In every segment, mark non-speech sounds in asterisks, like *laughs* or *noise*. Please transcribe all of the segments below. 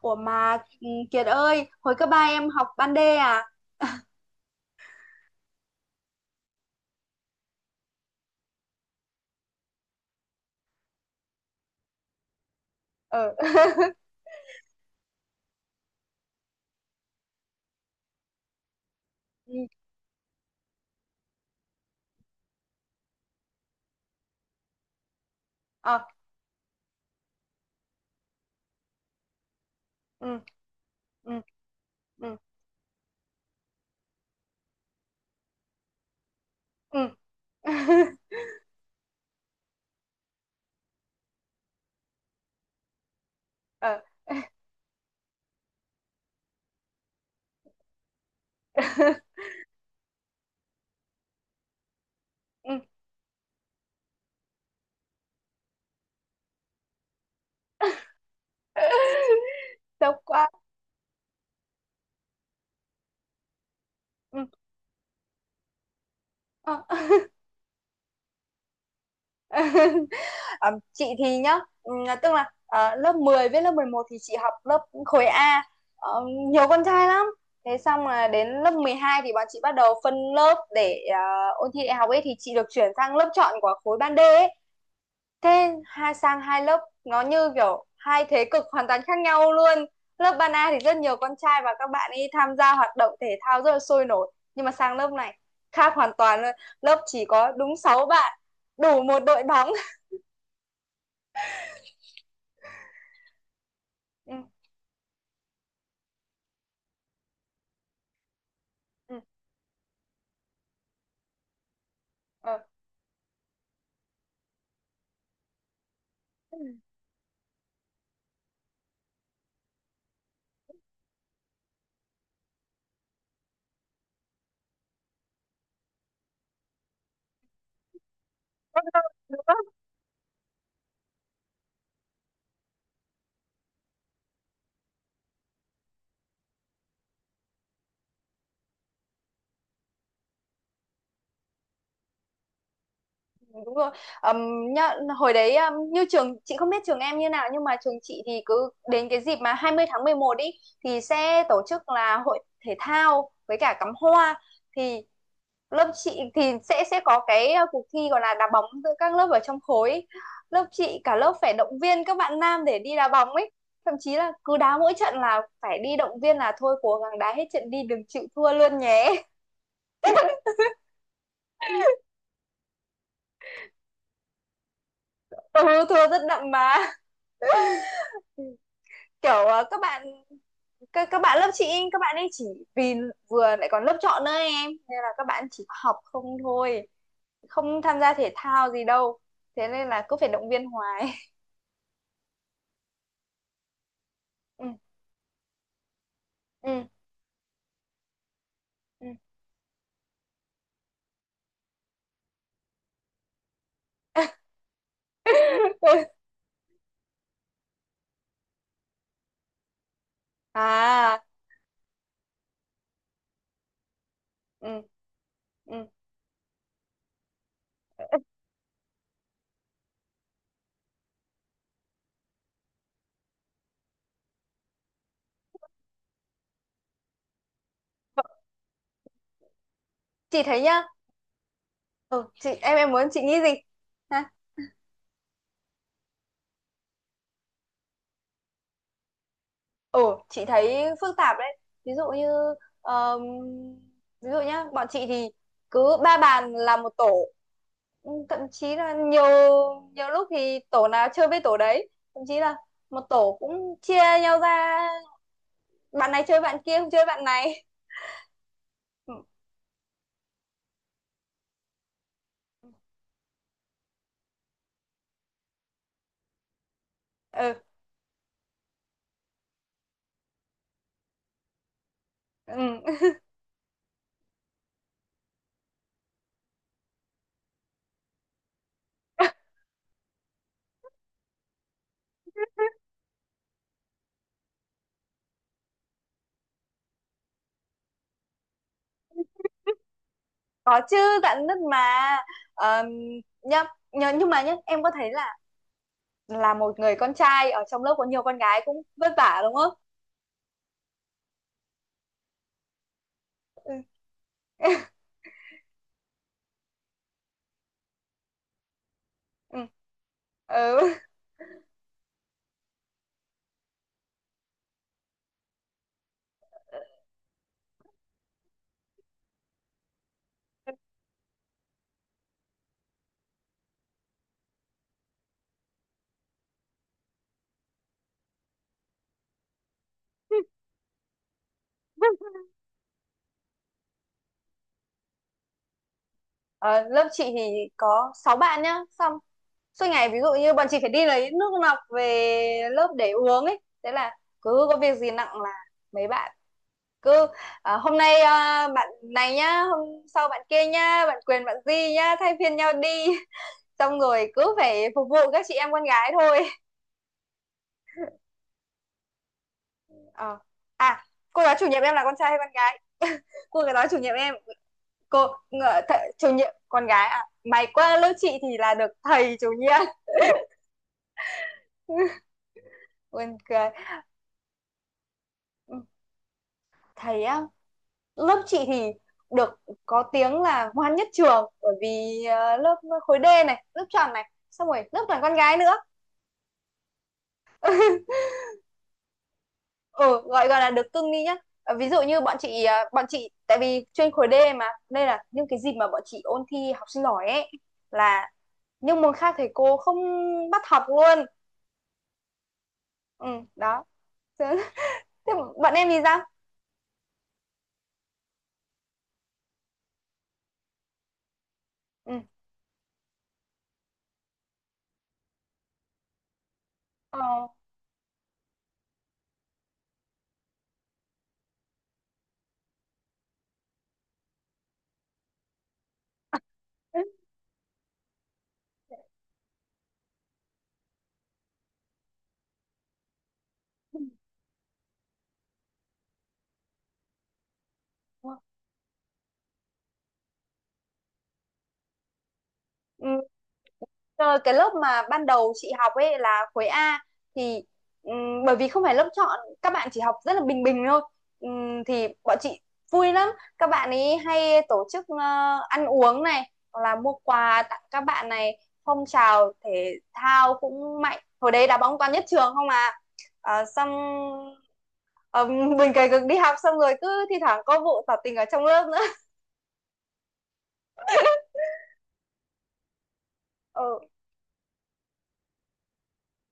Ủa mà Kiệt ơi, hồi cấp 3 em học ban D à? Ờ. *laughs* Ừ. Ờ. Ừ. Ừ. Ừ. Ừ. *laughs* Ờ. *laughs* Ừ. Sốc quá. Ừ. Ờ. *laughs* Ờ, chị thì tức là lớp 10 với lớp 11 thì chị học lớp khối A. Ờ, nhiều con trai lắm. Thế xong là đến lớp 12 thì bọn chị bắt đầu phân lớp để ôn thi đại học ấy, thì chị được chuyển sang lớp chọn của khối ban D ấy. Thế hai sang hai lớp nó như kiểu hai thế cực hoàn toàn khác nhau luôn. Lớp ban A thì rất nhiều con trai và các bạn ấy tham gia hoạt động thể thao rất là sôi nổi, nhưng mà sang lớp này khác hoàn toàn luôn, lớp chỉ có đúng 6 bạn, đủ một đội bóng. *laughs* Ừ, ừ, ờ, đúng rồi. Nhá, hồi đấy như trường chị không biết trường em như nào, nhưng mà trường chị thì cứ đến cái dịp mà 20 tháng 11 ý thì sẽ tổ chức là hội thể thao với cả cắm hoa. Thì lớp chị thì sẽ có cái cuộc thi gọi là đá bóng giữa các lớp ở trong khối ấy. Lớp chị cả lớp phải động viên các bạn nam để đi đá bóng ấy, thậm chí là cứ đá mỗi trận là phải đi động viên là thôi cố gắng đá hết trận đi, đừng chịu thua luôn nhé. *laughs* Ừ, thua rất đậm mà, kiểu các bạn, các bạn lớp chị ấy, các bạn ấy chỉ vì vừa lại còn lớp chọn nữa em, nên là các bạn chỉ học không thôi, không tham gia thể thao gì đâu, thế nên là cứ phải động viên hoài. *laughs* Ừ, ừ, ừ. *laughs* À, ừ, ừ. Chị thấy nhá, ừ, chị em muốn chị nghĩ gì? Ha? Ừ, chị thấy phức tạp đấy. Ví dụ như ờm, ví dụ nhá, bọn chị thì cứ 3 bàn là một tổ. Ừ, thậm chí là nhiều nhiều lúc thì tổ nào chơi với tổ đấy, thậm chí là một tổ cũng chia nhau ra, bạn này chơi bạn kia, không chơi bạn này. *laughs* Ừ, ừ, ừ. *laughs* Có chứ, dạn nứt mà. Ờm, nhá, nhưng mà nhá, em có thấy là một người con trai ở trong lớp có nhiều con gái cũng vất vả đúng không? Ừ. *laughs* Ừ. Ừ. Ờ, lớp chị thì có 6 bạn nhá, xong suốt ngày ví dụ như bọn chị phải đi lấy nước lọc về lớp để uống ấy, thế là cứ có việc gì nặng là mấy bạn cứ à, hôm nay à, bạn này nhá, hôm sau bạn kia nhá, bạn Quyền bạn Di nhá, thay phiên nhau đi. *laughs* Xong rồi cứ phải phục vụ các chị em con gái thôi. Ờ. À, cô giáo chủ nhiệm em là con trai hay con gái? Cô giáo chủ nhiệm em, cô th chủ nhiệm con gái à? Mày qua lớp chị thì là được thầy chủ nhiệm. *laughs* Buồn cười. Thầy á, lớp chị thì được có tiếng là ngoan nhất trường, bởi vì lớp khối D này, lớp tròn này, xong rồi lớp toàn con gái nữa. Ừ, gọi gọi là được cưng đi nhá. Ờ, ví dụ như bọn chị ờ, bọn chị tại vì chuyên khối D mà, nên là những cái dịp mà bọn chị ôn thi học sinh giỏi ấy là những môn khác thầy cô không bắt học luôn. Ừ, đó. *laughs* Thế thế bọn em thì sao? Ừ. Ờ, ừ, rồi cái lớp mà ban đầu chị học ấy là khối A, thì bởi vì không phải lớp chọn, các bạn chỉ học rất là bình bình thôi. Thì bọn chị vui lắm, các bạn ấy hay tổ chức ăn uống này, hoặc là mua quà tặng các bạn này, phong trào thể thao cũng mạnh, hồi đấy đá bóng toàn nhất trường không à. Ờ, xong ờ, mình cày cực đi học xong rồi cứ thi thoảng có vụ tỏ tình ở trong lớp nữa. *laughs* Ờ,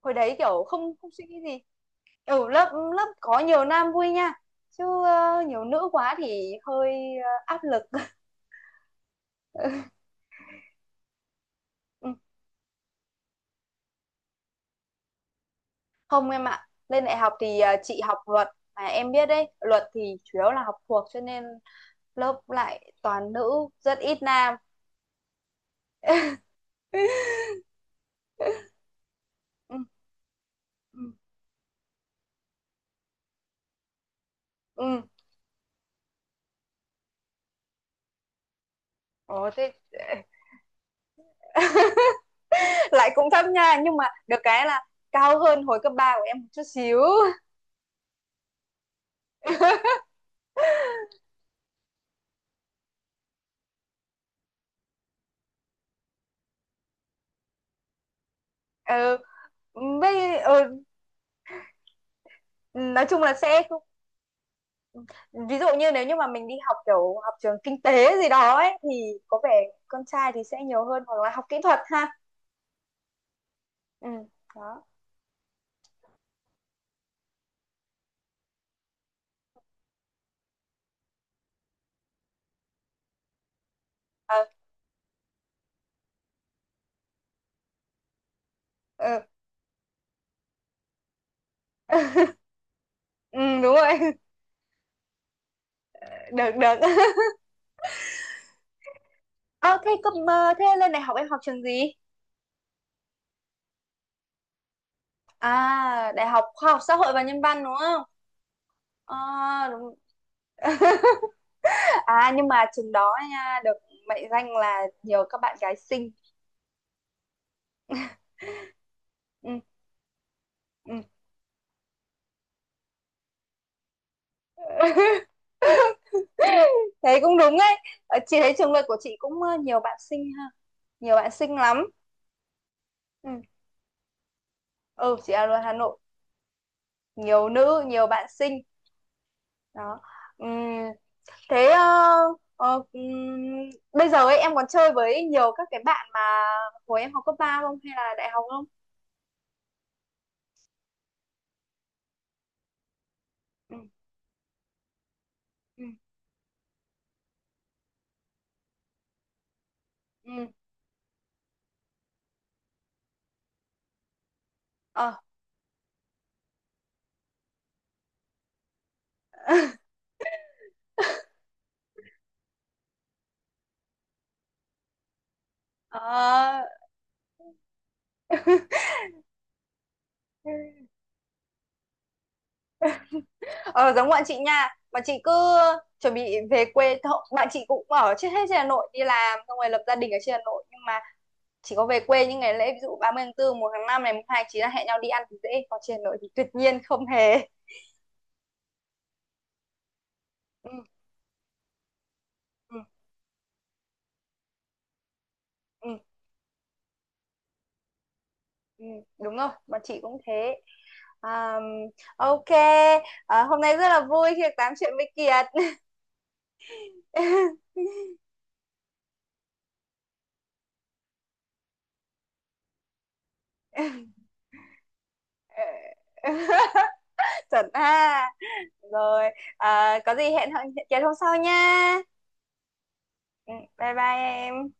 hồi đấy kiểu không không suy nghĩ gì. Ừ, lớp lớp có nhiều nam vui nha, chứ nhiều nữ quá thì hơi áp lực. *laughs* Ừ, không em ạ, lên đại học thì chị học luật, mà em biết đấy, luật thì chủ yếu là học thuộc, cho nên lớp lại toàn nữ, rất ít nam. *laughs* Ừ, ừ, ừ. Ồ, thế *laughs* lại cũng thấp nha, nhưng mà được cái là cao hơn hồi cấp 3 của em một chút xíu. *laughs* Ừ, với ừ, nói chung là sẽ ví dụ như nếu như mà mình đi học kiểu học trường kinh tế gì đó ấy thì có vẻ con trai thì sẽ nhiều hơn, hoặc là học kỹ thuật ha. Ừ, đó. Ờ, ừ. *laughs* Ừ đúng rồi. *laughs* Được được. *laughs* Ờ, thế cấp mơ thế lên đại học em học trường gì? À, đại học khoa học xã hội và nhân văn đúng không? Ờ, đúng. *laughs* À, nhưng mà trường đó nha, được mệnh danh là nhiều các bạn gái xinh. Ừ, ừ. *laughs* Thấy cũng đúng ấy. Ờ, chị thấy trường luật của chị cũng nhiều bạn xinh ha, nhiều bạn xinh lắm. Ừ, ừ, chị là người Hà Nội, nhiều nữ nhiều bạn xinh, đó. Ừm, thế ờ, ừm, bây giờ ấy em còn chơi với nhiều các cái bạn mà hồi em học cấp ba không, hay là đại học không? Ừ, ừ, ừ, ờ. *laughs* Ờ. Ờ, giống bọn chị nha, bọn chị cứ chuẩn bị về quê thôi, bạn chị cũng ở chết hết trên Hà Nội đi làm xong rồi lập gia đình ở trên Hà Nội, nhưng mà chỉ có về quê những ngày lễ, ví dụ 30 tháng 4, 1 tháng 5 này, mùng 2 tháng 9 là hẹn nhau đi ăn thì dễ, còn trên Hà Nội thì tuyệt nhiên không hề. Ừ. Ừ. Ừ, ừ, đúng rồi, bọn chị cũng thế. À, ok, à, hôm nay rất là vui khi được tám chuyện với Kiệt. *laughs* Chuẩn ha. Rồi, à, có gì hẹn hẹn Kiệt hôm sau nha. Ừ, bye bye em.